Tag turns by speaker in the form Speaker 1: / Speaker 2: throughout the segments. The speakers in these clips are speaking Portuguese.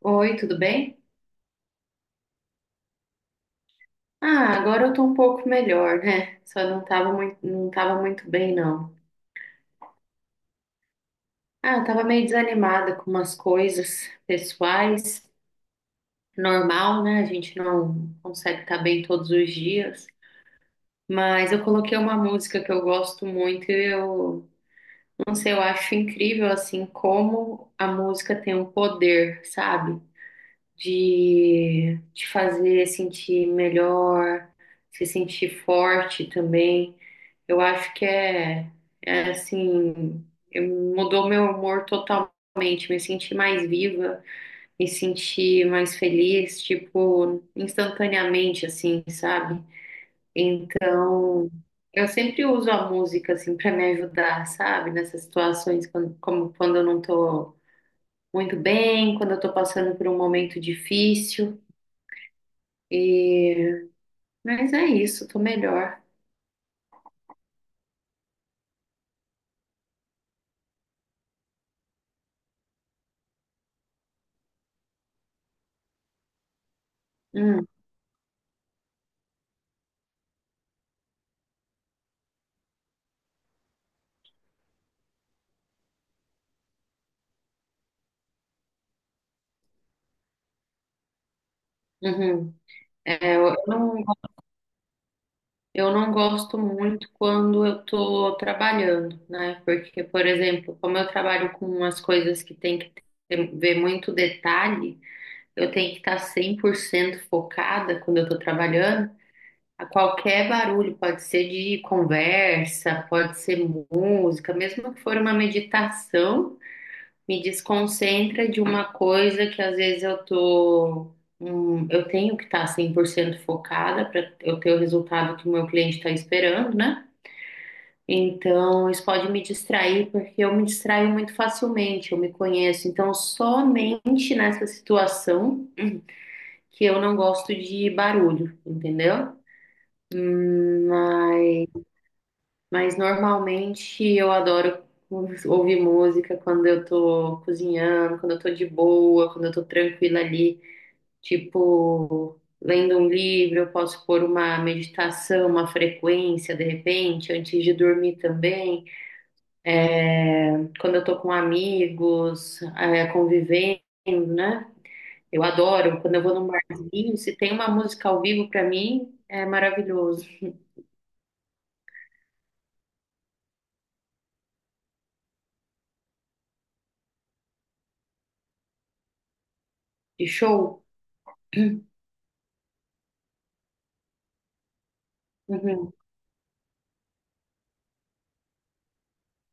Speaker 1: Oi, tudo bem? Ah, agora eu tô um pouco melhor, né? Só não tava muito bem, não. Ah, eu tava meio desanimada com umas coisas pessoais, normal, né? A gente não consegue estar bem todos os dias. Mas eu coloquei uma música que eu gosto muito e eu, não sei, eu acho incrível, assim, como a música tem um poder, sabe? De te fazer sentir melhor, se sentir forte também. Eu acho que é assim, eu- mudou meu humor totalmente. Me senti mais viva, me senti mais feliz, tipo, instantaneamente, assim, sabe? Então, eu sempre uso a música, assim, para me ajudar, sabe? Nessas situações, como quando eu não tô muito bem, quando eu tô passando por um momento difícil. E... Mas é isso, tô melhor. Hum, uhum. É, eu não. Eu não gosto muito quando eu estou trabalhando, né? Porque, por exemplo, como eu trabalho com umas coisas que tem que ver muito detalhe, eu tenho que estar 100% focada quando eu estou trabalhando. A qualquer barulho, pode ser de conversa, pode ser música, mesmo que for uma meditação me desconcentra de uma coisa que às vezes eu tenho que estar 100% focada para eu ter o resultado que o meu cliente está esperando, né? Então, isso pode me distrair, porque eu me distraio muito facilmente, eu me conheço. Então, somente nessa situação que eu não gosto de barulho, entendeu? Hum, Mas Mas normalmente eu adoro ouvir música quando eu tô cozinhando, quando eu tô de boa, quando eu tô tranquila ali, tipo, lendo um livro, eu posso pôr uma meditação, uma frequência de repente, antes de dormir também. É, quando eu tô com amigos, é, convivendo, né? Eu adoro. Quando eu vou num barzinho, se tem uma música ao vivo pra mim, é maravilhoso. De show? Uhum.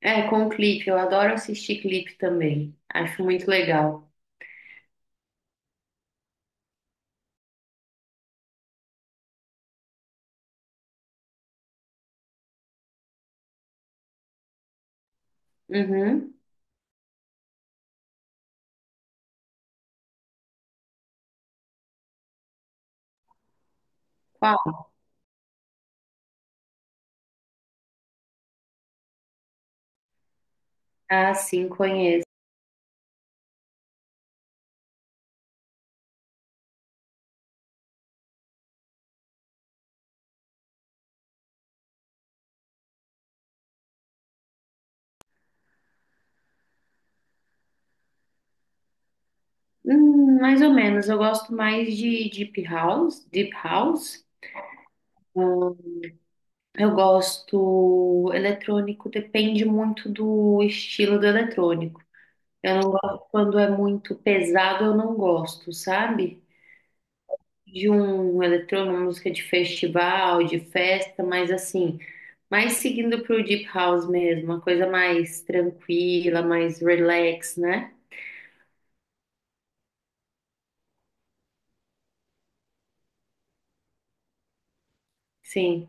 Speaker 1: É, com clipe. Eu adoro assistir clipe também. Acho muito legal. Uhum. Qual? Ah, sim, conheço. Mais ou menos. Eu gosto mais de Deep House. Deep House. Hum, Eu gosto eletrônico, depende muito do estilo do eletrônico. Eu não gosto quando é muito pesado, eu não gosto, sabe? De um eletrônico, uma música de festival, de festa, mas assim. Mais seguindo pro Deep House mesmo, uma coisa mais tranquila, mais relax, né? Sim,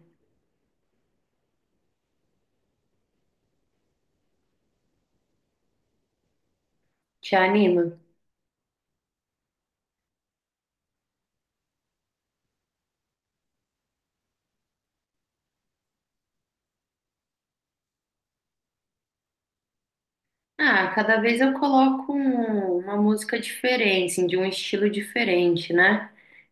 Speaker 1: te anima. Ah, cada vez eu coloco uma música diferente, assim, de um estilo diferente, né?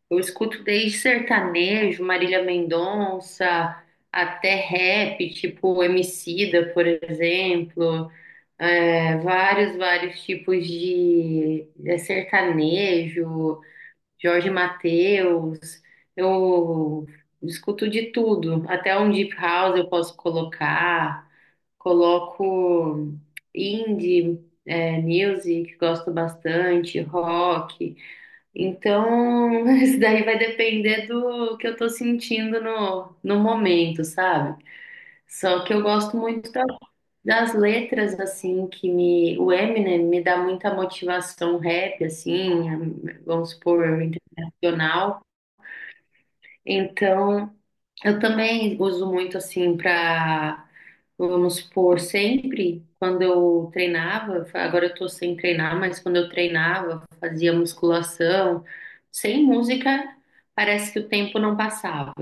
Speaker 1: Eu escuto desde sertanejo, Marília Mendonça, até rap, tipo Emicida, por exemplo, vários, vários tipos de sertanejo. Jorge Mateus, eu escuto de tudo, até um deep house eu posso colocar, coloco indie, music, gosto bastante, rock. Então, isso daí vai depender do que eu tô sentindo no momento, sabe? Só que eu gosto muito das letras, assim, O Eminem me dá muita motivação rap, assim, vamos supor, internacional. Então, eu também uso muito assim para, vamos supor, sempre quando eu treinava, agora eu tô sem treinar, mas quando eu treinava, fazia musculação, sem música, parece que o tempo não passava.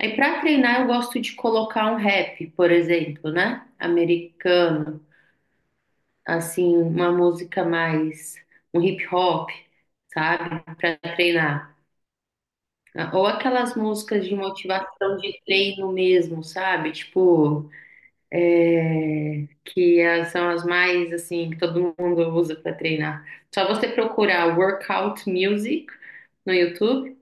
Speaker 1: Aí para treinar eu gosto de colocar um rap, por exemplo, né? Americano, assim, uma música mais um hip hop, sabe? Para treinar. Ah, ou aquelas músicas de motivação de treino mesmo, sabe? Tipo, que elas são as mais assim que todo mundo usa para treinar. Só você procurar workout music no YouTube.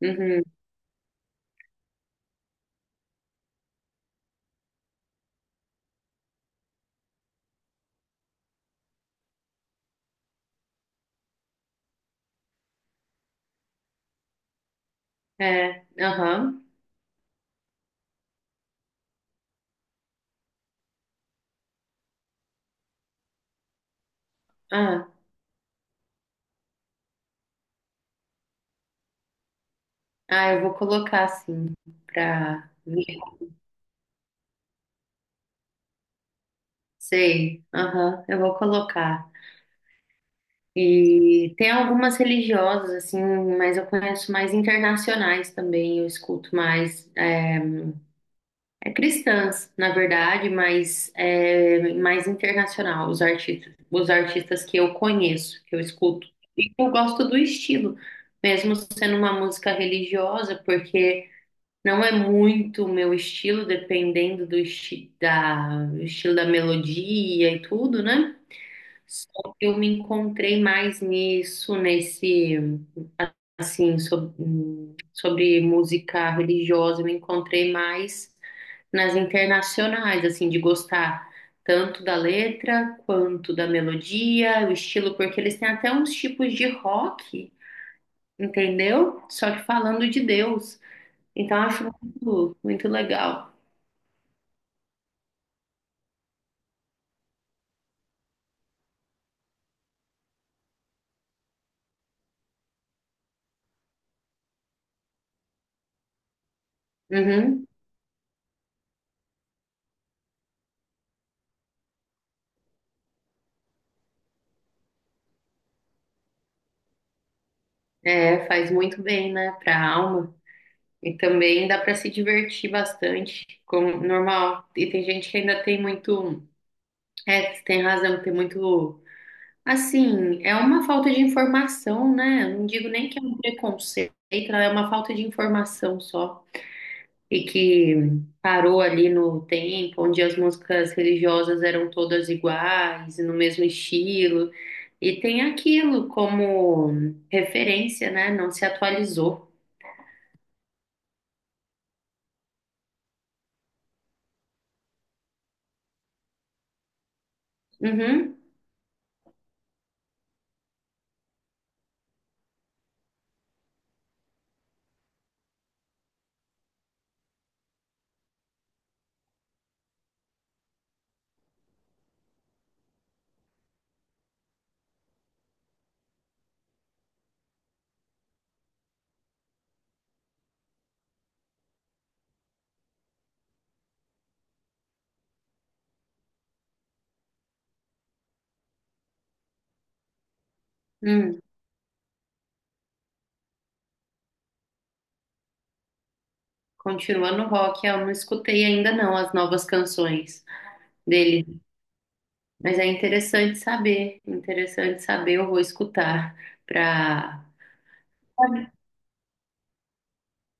Speaker 1: Uhum. É, aham. Ah, ah, eu vou colocar assim pra ver. Sei. Aham, eu vou colocar. E tem algumas religiosas assim, mas eu conheço mais internacionais também, eu escuto mais. É cristãs, na verdade, mas é mais internacional, os artistas que eu conheço, que eu escuto. E eu gosto do estilo, mesmo sendo uma música religiosa, porque não é muito o meu estilo, dependendo do do estilo da melodia e tudo, né? Só que eu me encontrei mais nisso, nesse assim, sobre, música religiosa, eu me encontrei mais nas internacionais, assim, de gostar tanto da letra quanto da melodia, o estilo, porque eles têm até uns tipos de rock, entendeu? Só que falando de Deus. Então, eu acho muito, muito legal. Uhum. É, faz muito bem, né, para a alma. E também dá para se divertir bastante, como normal. E tem gente que ainda tem muito, tem razão, tem muito. Assim, é uma falta de informação, né? Eu não digo nem que é um preconceito, é uma falta de informação só. E que parou ali no tempo, onde as músicas religiosas eram todas iguais, no mesmo estilo. E tem aquilo como referência, né? Não se atualizou. Uhum. Hum. Continuando o rock, eu não escutei ainda não as novas canções dele. Mas é interessante saber, eu vou escutar para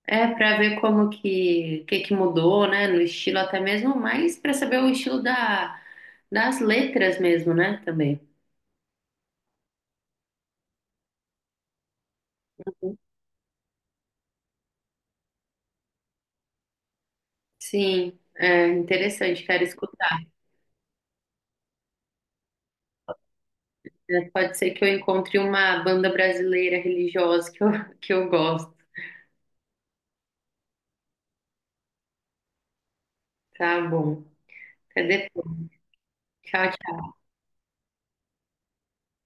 Speaker 1: para ver como que mudou, né, no estilo até mesmo, mas para saber o estilo da das letras mesmo, né, também. Sim, é interessante, quero escutar. É, pode ser que eu encontre uma banda brasileira religiosa que eu gosto. Tá bom. Até depois. Tchau, tchau.